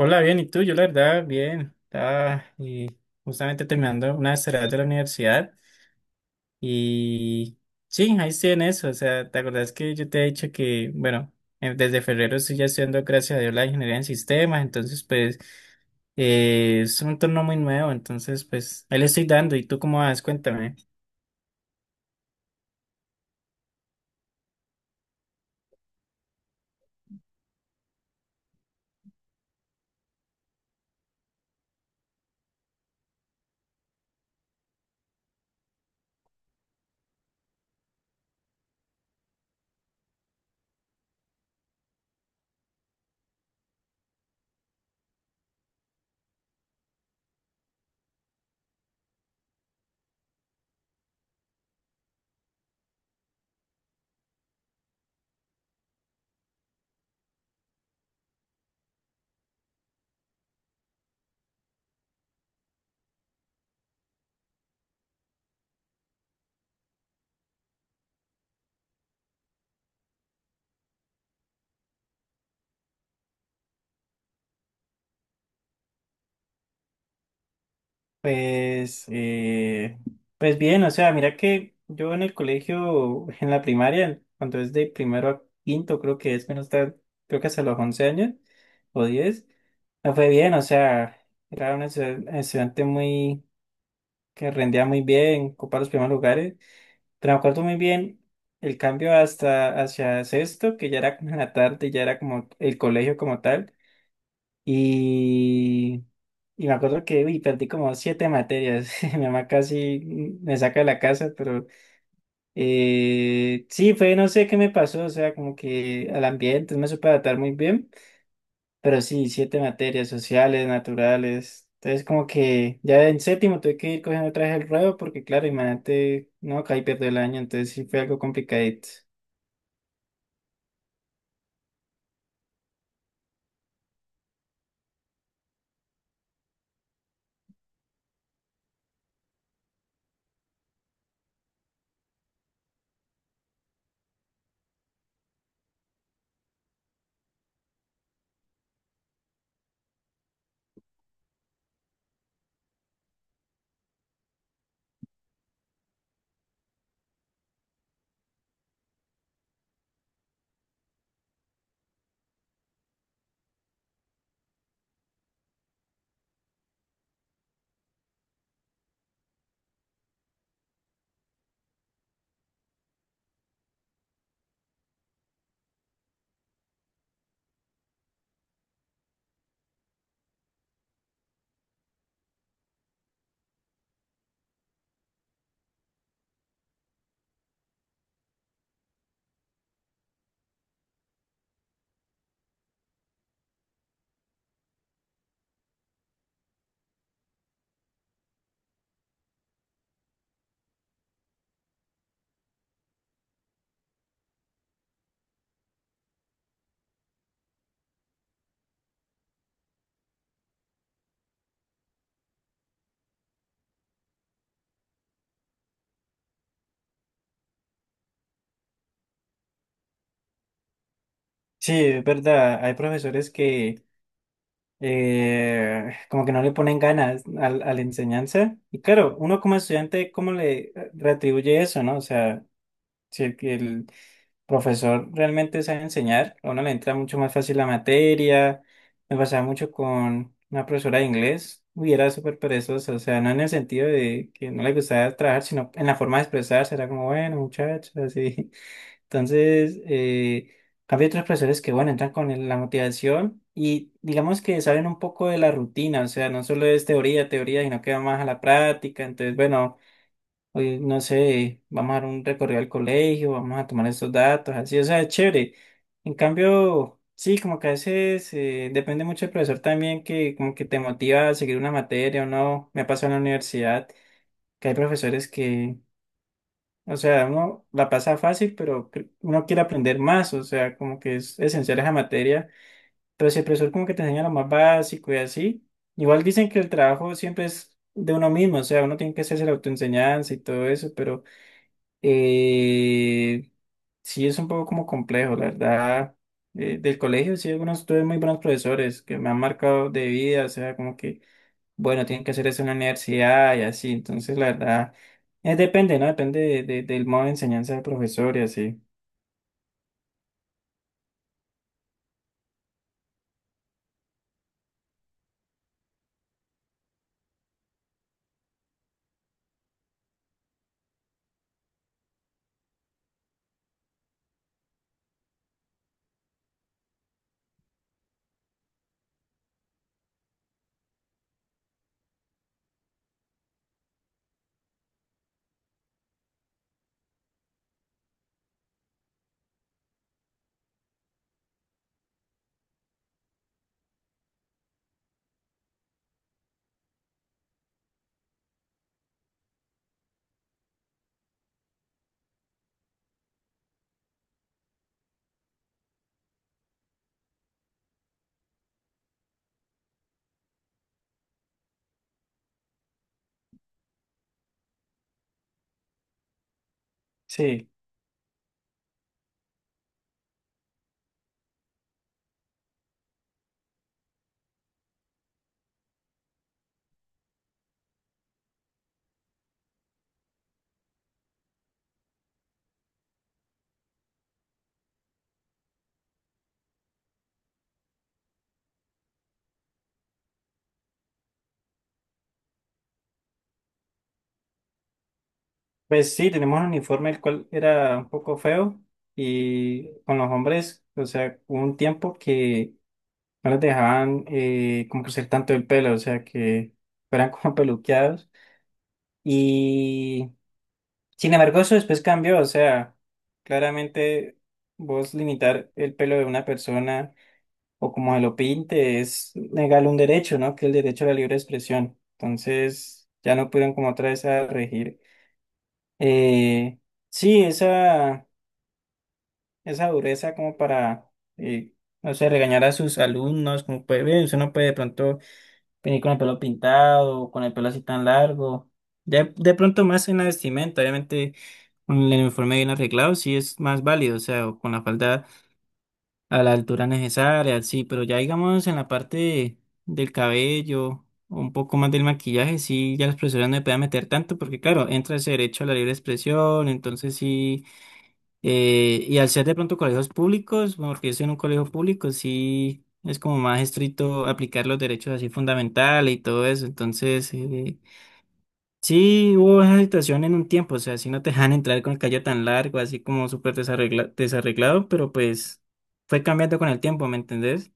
Hola, bien, ¿y tú? Yo la verdad, bien. Estaba justamente terminando una tarea de la universidad y sí, ahí estoy en eso. O sea, ¿te acordás que yo te he dicho que, bueno, desde febrero estoy ya estudiando, gracias a Dios, la ingeniería en sistemas, entonces pues es un entorno muy nuevo, entonces pues ahí le estoy dando. ¿Y tú cómo vas? Cuéntame. Pues, pues bien, o sea, mira que yo en el colegio, en la primaria, cuando es de primero a quinto, creo que es menos tal, creo que hasta los 11 años o 10, me fue bien, o sea, era un estudiante muy, que rendía muy bien, ocupaba los primeros lugares, pero me acuerdo muy bien el cambio hasta hacia sexto, que ya era como en la tarde, ya era como el colegio como tal, y me acuerdo que, uy, perdí como siete materias. Mi mamá casi me saca de la casa, pero sí, fue, no sé qué me pasó, o sea, como que al ambiente no me supe adaptar muy bien, pero sí, siete materias sociales, naturales. Entonces, como que ya en séptimo tuve que ir cogiendo otra vez el ruedo, porque claro, imagínate, no, caí pierdo el año, entonces sí fue algo complicadito. Sí, es verdad, hay profesores que como que no le ponen ganas a la enseñanza. Y claro, uno como estudiante, ¿cómo le retribuye eso, no? O sea, si el, que el profesor realmente sabe enseñar, a uno le entra mucho más fácil la materia. Me pasaba mucho con una profesora de inglés, uy, era súper perezosa, o sea, no en el sentido de que no le gustaba trabajar, sino en la forma de expresarse, era como, bueno, muchachos, así. Entonces, cambio otros profesores que, bueno, entran con la motivación y digamos que saben un poco de la rutina, o sea, no solo es teoría, teoría, sino que va más a la práctica. Entonces, bueno, hoy no sé, vamos a dar un recorrido al colegio, vamos a tomar estos datos, así, o sea, es chévere. En cambio, sí, como que a veces depende mucho del profesor también que como que te motiva a seguir una materia o no. Me pasó en la universidad que hay profesores que o sea, uno la pasa fácil, pero uno quiere aprender más, o sea, como que es esencial esa materia, pero si el profesor como que te enseña lo más básico y así, igual dicen que el trabajo siempre es de uno mismo, o sea, uno tiene que hacerse la autoenseñanza y todo eso, pero eh, sí es un poco como complejo, la verdad. Del colegio sí, algunos tuve muy buenos profesores que me han marcado de vida, o sea, como que bueno, tienen que hacer eso en la universidad y así. Entonces, la verdad, depende, ¿no? Depende del modo de enseñanza del profesor y así. Sí, pues sí, tenemos un uniforme el cual era un poco feo y con los hombres, o sea, hubo un tiempo que no les dejaban como crecer tanto el pelo, o sea, que eran como peluqueados. Y sin embargo, eso después cambió, o sea, claramente vos limitar el pelo de una persona. O como se lo pinte, es negarle un derecho, ¿no? Que es el derecho a la libre expresión. Entonces, ya no pudieron como otra vez a regir. Eh, sí, esa dureza como para, eh, no sé, regañar a sus alumnos, como puede ver, usted no puede de pronto venir con el pelo pintado, o con el pelo así tan largo. De pronto más en la vestimenta, obviamente con el uniforme bien arreglado, sí es más válido, o sea, o con la falda a la altura necesaria, sí, pero ya digamos en la parte del cabello, o un poco más del maquillaje, sí, ya la expresiones no me pueden meter tanto, porque claro, entra ese derecho a la libre expresión, entonces sí, y al ser de pronto colegios públicos, bueno, porque yo estoy en un colegio público, sí, es como más estricto aplicar los derechos así fundamentales y todo eso, entonces... sí, hubo esa situación en un tiempo, o sea, si no te dejan entrar con el cabello tan largo, así como súper desarreglado, pero pues fue cambiando con el tiempo, ¿me entendés?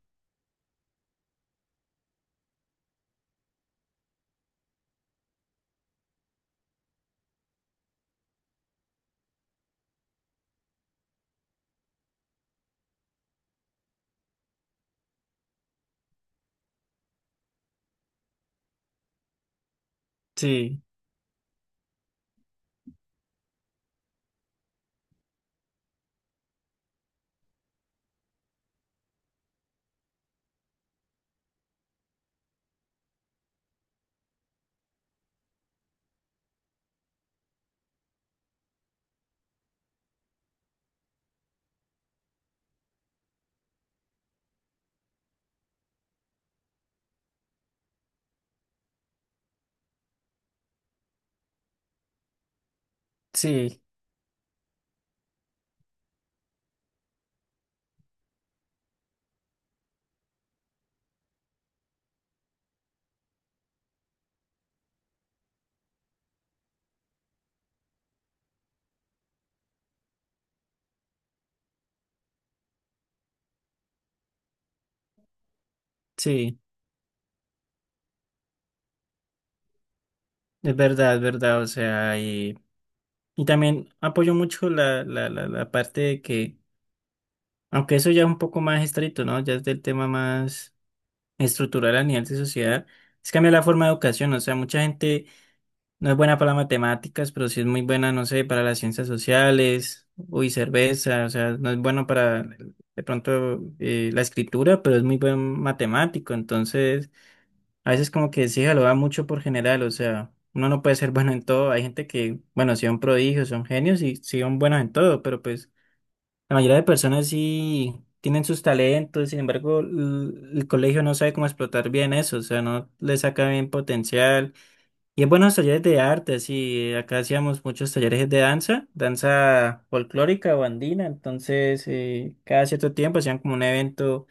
Sí, sí, sí, es verdad, o sea, y también apoyo mucho la parte de que, aunque eso ya es un poco más estricto, ¿no? Ya es del tema más estructural a nivel de sociedad, es cambiar la forma de educación, o sea, mucha gente no es buena para las matemáticas, pero sí es muy buena, no sé, para las ciencias sociales, uy, cerveza, o sea, no es bueno para de pronto la escritura, pero es muy buen matemático, entonces a veces como que sí, lo da mucho por general, o sea, uno no puede ser bueno en todo, hay gente que, bueno, sí son prodigios, son genios y sí son buenos en todo, pero pues la mayoría de personas sí tienen sus talentos, sin embargo, el colegio no sabe cómo explotar bien eso, o sea, no le saca bien potencial. Y es buenos talleres de arte, sí, acá hacíamos muchos talleres de danza, danza folclórica o andina, entonces cada cierto tiempo hacían como un evento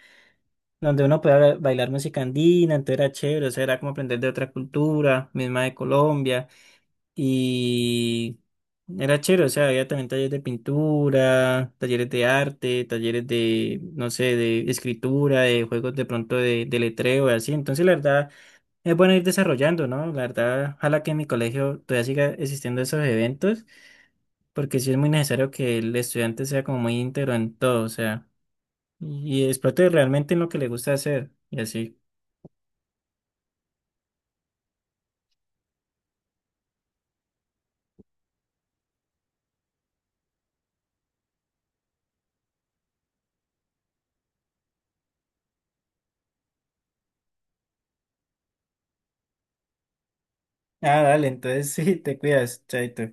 donde uno podía bailar música andina, entonces era chévere, o sea, era como aprender de otra cultura, misma de Colombia, y era chévere, o sea, había también talleres de pintura, talleres de arte, talleres de, no sé, de escritura, de juegos de pronto de letreo y así, entonces la verdad... Es bueno ir desarrollando, ¿no? La verdad, ojalá que en mi colegio todavía siga existiendo esos eventos, porque sí es muy necesario que el estudiante sea como muy íntegro en todo, o sea, y explote realmente en lo que le gusta hacer, y así. Ah, dale, entonces sí, te cuidas, chaito.